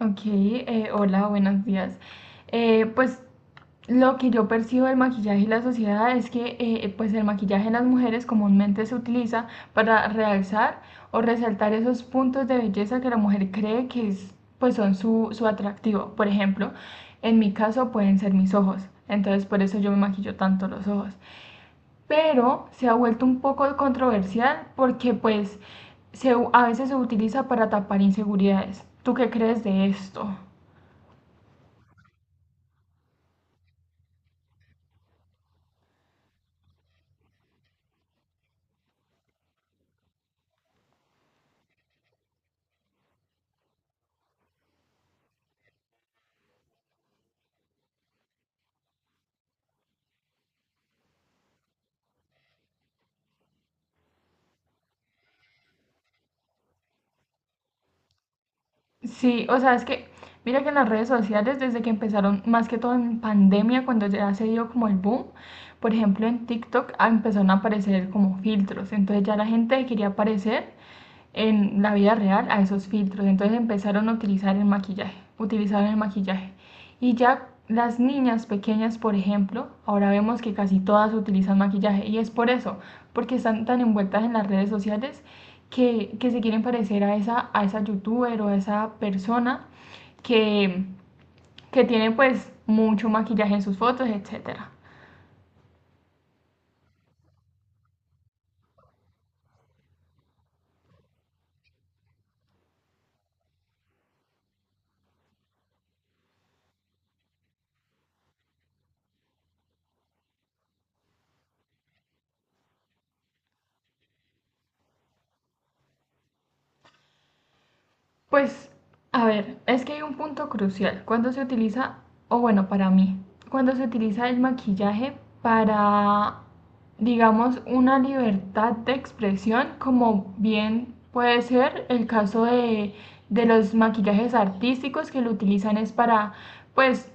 Ok, hola, buenos días. Pues lo que yo percibo del maquillaje y la sociedad es que pues el maquillaje en las mujeres comúnmente se utiliza para realzar o resaltar esos puntos de belleza que la mujer cree que es, pues son su atractivo. Por ejemplo, en mi caso pueden ser mis ojos, entonces por eso yo me maquillo tanto los ojos. Pero se ha vuelto un poco controversial porque pues a veces se utiliza para tapar inseguridades. ¿Tú qué crees de esto? Sí, o sea, es que mira que en las redes sociales, desde que empezaron, más que todo en pandemia, cuando ya se dio como el boom, por ejemplo en TikTok empezaron a aparecer como filtros, entonces ya la gente quería aparecer en la vida real a esos filtros, entonces empezaron a utilizar el maquillaje, utilizaron el maquillaje. Y ya las niñas pequeñas, por ejemplo, ahora vemos que casi todas utilizan maquillaje y es por eso, porque están tan envueltas en las redes sociales que se quieren parecer a a esa youtuber o a esa persona que, que tiene pues mucho maquillaje en sus fotos, etcétera. Pues, a ver, es que hay un punto crucial. Cuando se utiliza, o bueno, para mí, cuando se utiliza el maquillaje para, digamos, una libertad de expresión, como bien puede ser el caso de los maquillajes artísticos que lo utilizan es para, pues,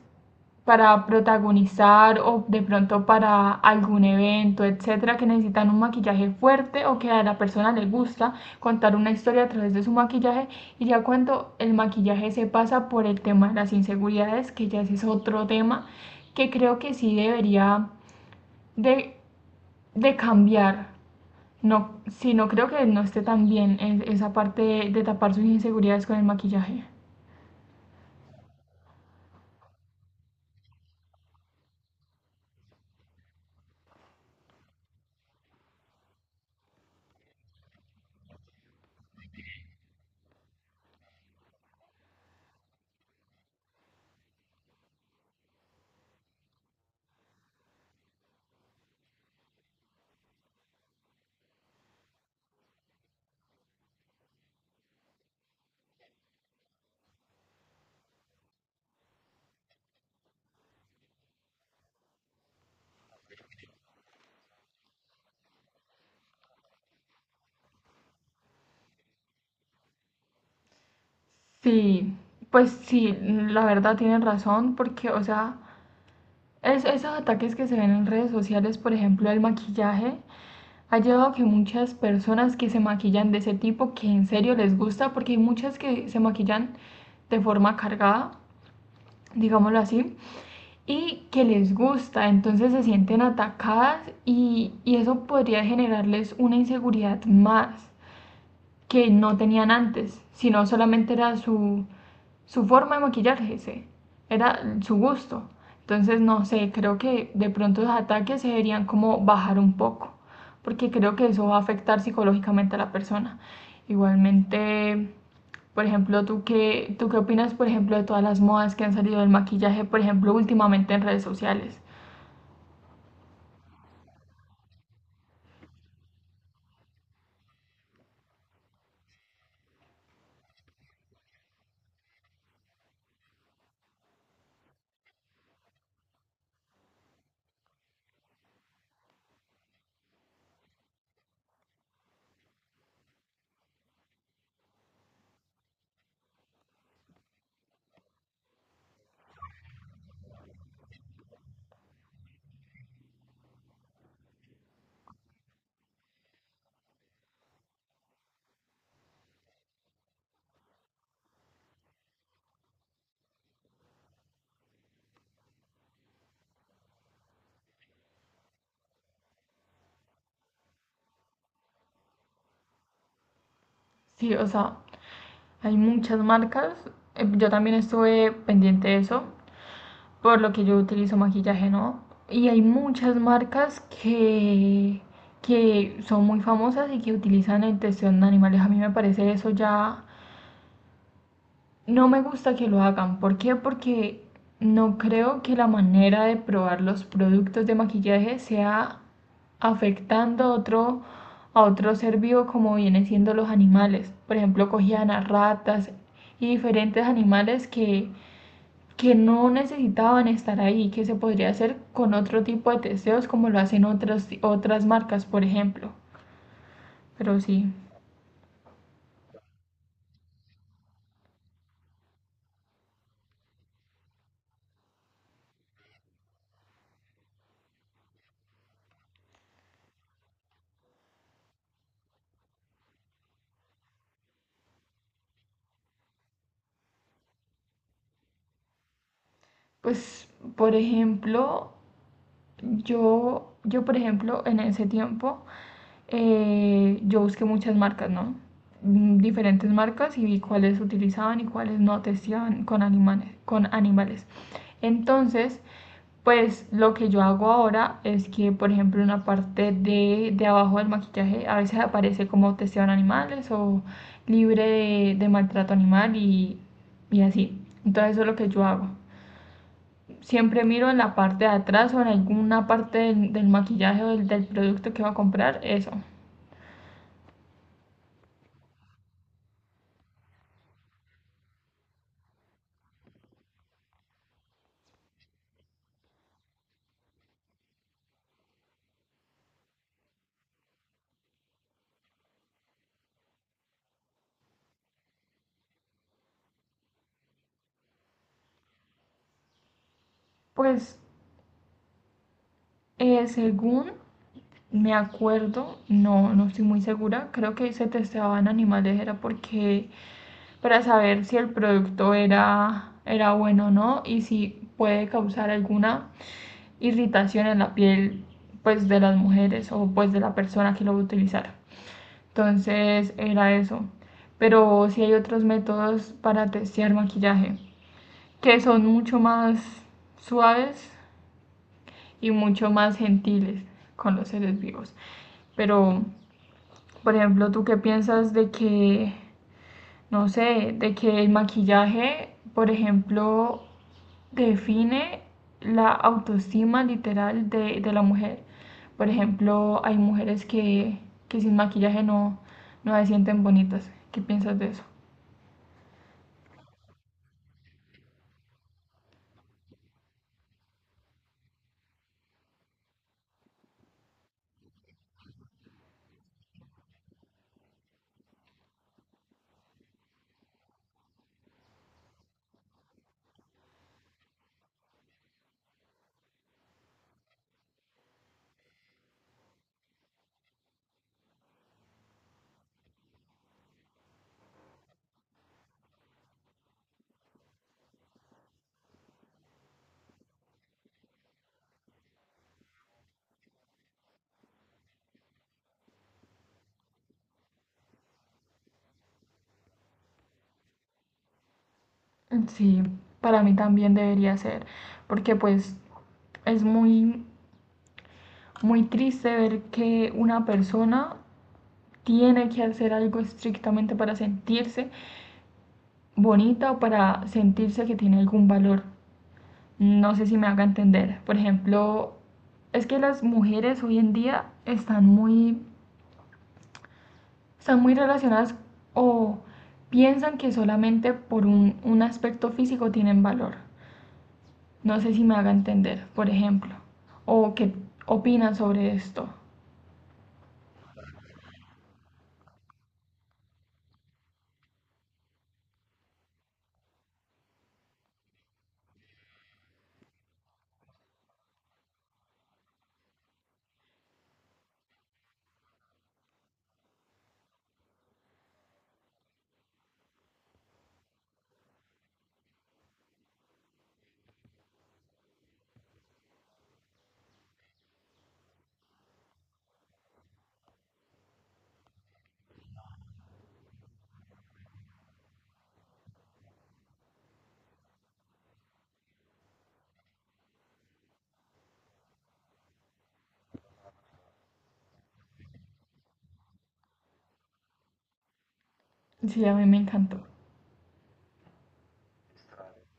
para protagonizar o de pronto para algún evento, etcétera, que necesitan un maquillaje fuerte o que a la persona le gusta contar una historia a través de su maquillaje. Y ya cuando el maquillaje se pasa por el tema de las inseguridades, que ya ese es otro tema que creo que sí debería de, de cambiar. No, sí, no creo que no esté tan bien esa parte de tapar sus inseguridades con el maquillaje. Sí, pues sí, la verdad tienen razón, porque, o sea, esos ataques que se ven en redes sociales, por ejemplo, el maquillaje, ha llevado a que muchas personas que se maquillan de ese tipo, que en serio les gusta, porque hay muchas que se maquillan de forma cargada, digámoslo así, y que les gusta, entonces se sienten atacadas y eso podría generarles una inseguridad más que no tenían antes, sino solamente era su forma de maquillarse, sí, era su gusto. Entonces, no sé, creo que de pronto los ataques se deberían como bajar un poco, porque creo que eso va a afectar psicológicamente a la persona. Igualmente, por ejemplo, ¿tú qué opinas, por ejemplo, de todas las modas que han salido del maquillaje, por ejemplo, últimamente en redes sociales? Sí, o sea, hay muchas marcas. Yo también estuve pendiente de eso, por lo que yo utilizo maquillaje, ¿no? Y hay muchas marcas que son muy famosas y que utilizan la intención de animales. A mí me parece eso ya... No me gusta que lo hagan. ¿Por qué? Porque no creo que la manera de probar los productos de maquillaje sea afectando a otro ser vivo como vienen siendo los animales. Por ejemplo, cogían a ratas y diferentes animales que no necesitaban estar ahí, que se podría hacer con otro tipo de testeos como lo hacen otras marcas, por ejemplo. Pero sí, pues, por ejemplo, por ejemplo, en ese tiempo, yo busqué muchas marcas, ¿no? Diferentes marcas y vi cuáles utilizaban y cuáles no testeaban con animales, con animales. Entonces, pues lo que yo hago ahora es que, por ejemplo, en la parte de abajo del maquillaje a veces aparece como testeaban animales o libre de maltrato animal y así. Entonces, eso es lo que yo hago, siempre miro en la parte de atrás o en alguna parte del maquillaje o del producto que va a comprar, eso. Pues según me acuerdo, no, no estoy muy segura, creo que se testeaban animales, era porque para saber si el producto era bueno o no y si puede causar alguna irritación en la piel pues de las mujeres o pues de la persona que lo va a utilizar. Entonces era eso. Pero sí hay otros métodos para testear maquillaje que son mucho más suaves y mucho más gentiles con los seres vivos. Pero, por ejemplo, ¿tú qué piensas de que no sé, de que el maquillaje, por ejemplo, define la autoestima literal de la mujer. Por ejemplo, hay mujeres que sin maquillaje no se sienten bonitas. ¿Qué piensas de eso? Sí, para mí también debería ser, porque pues es muy, muy triste ver que una persona tiene que hacer algo estrictamente para sentirse bonita o para sentirse que tiene algún valor. No sé si me haga entender. Por ejemplo, es que las mujeres hoy en día están muy relacionadas o piensan que solamente por un aspecto físico tienen valor. No sé si me haga entender, por ejemplo. O qué opinan sobre esto. Sí, a mí me encantó.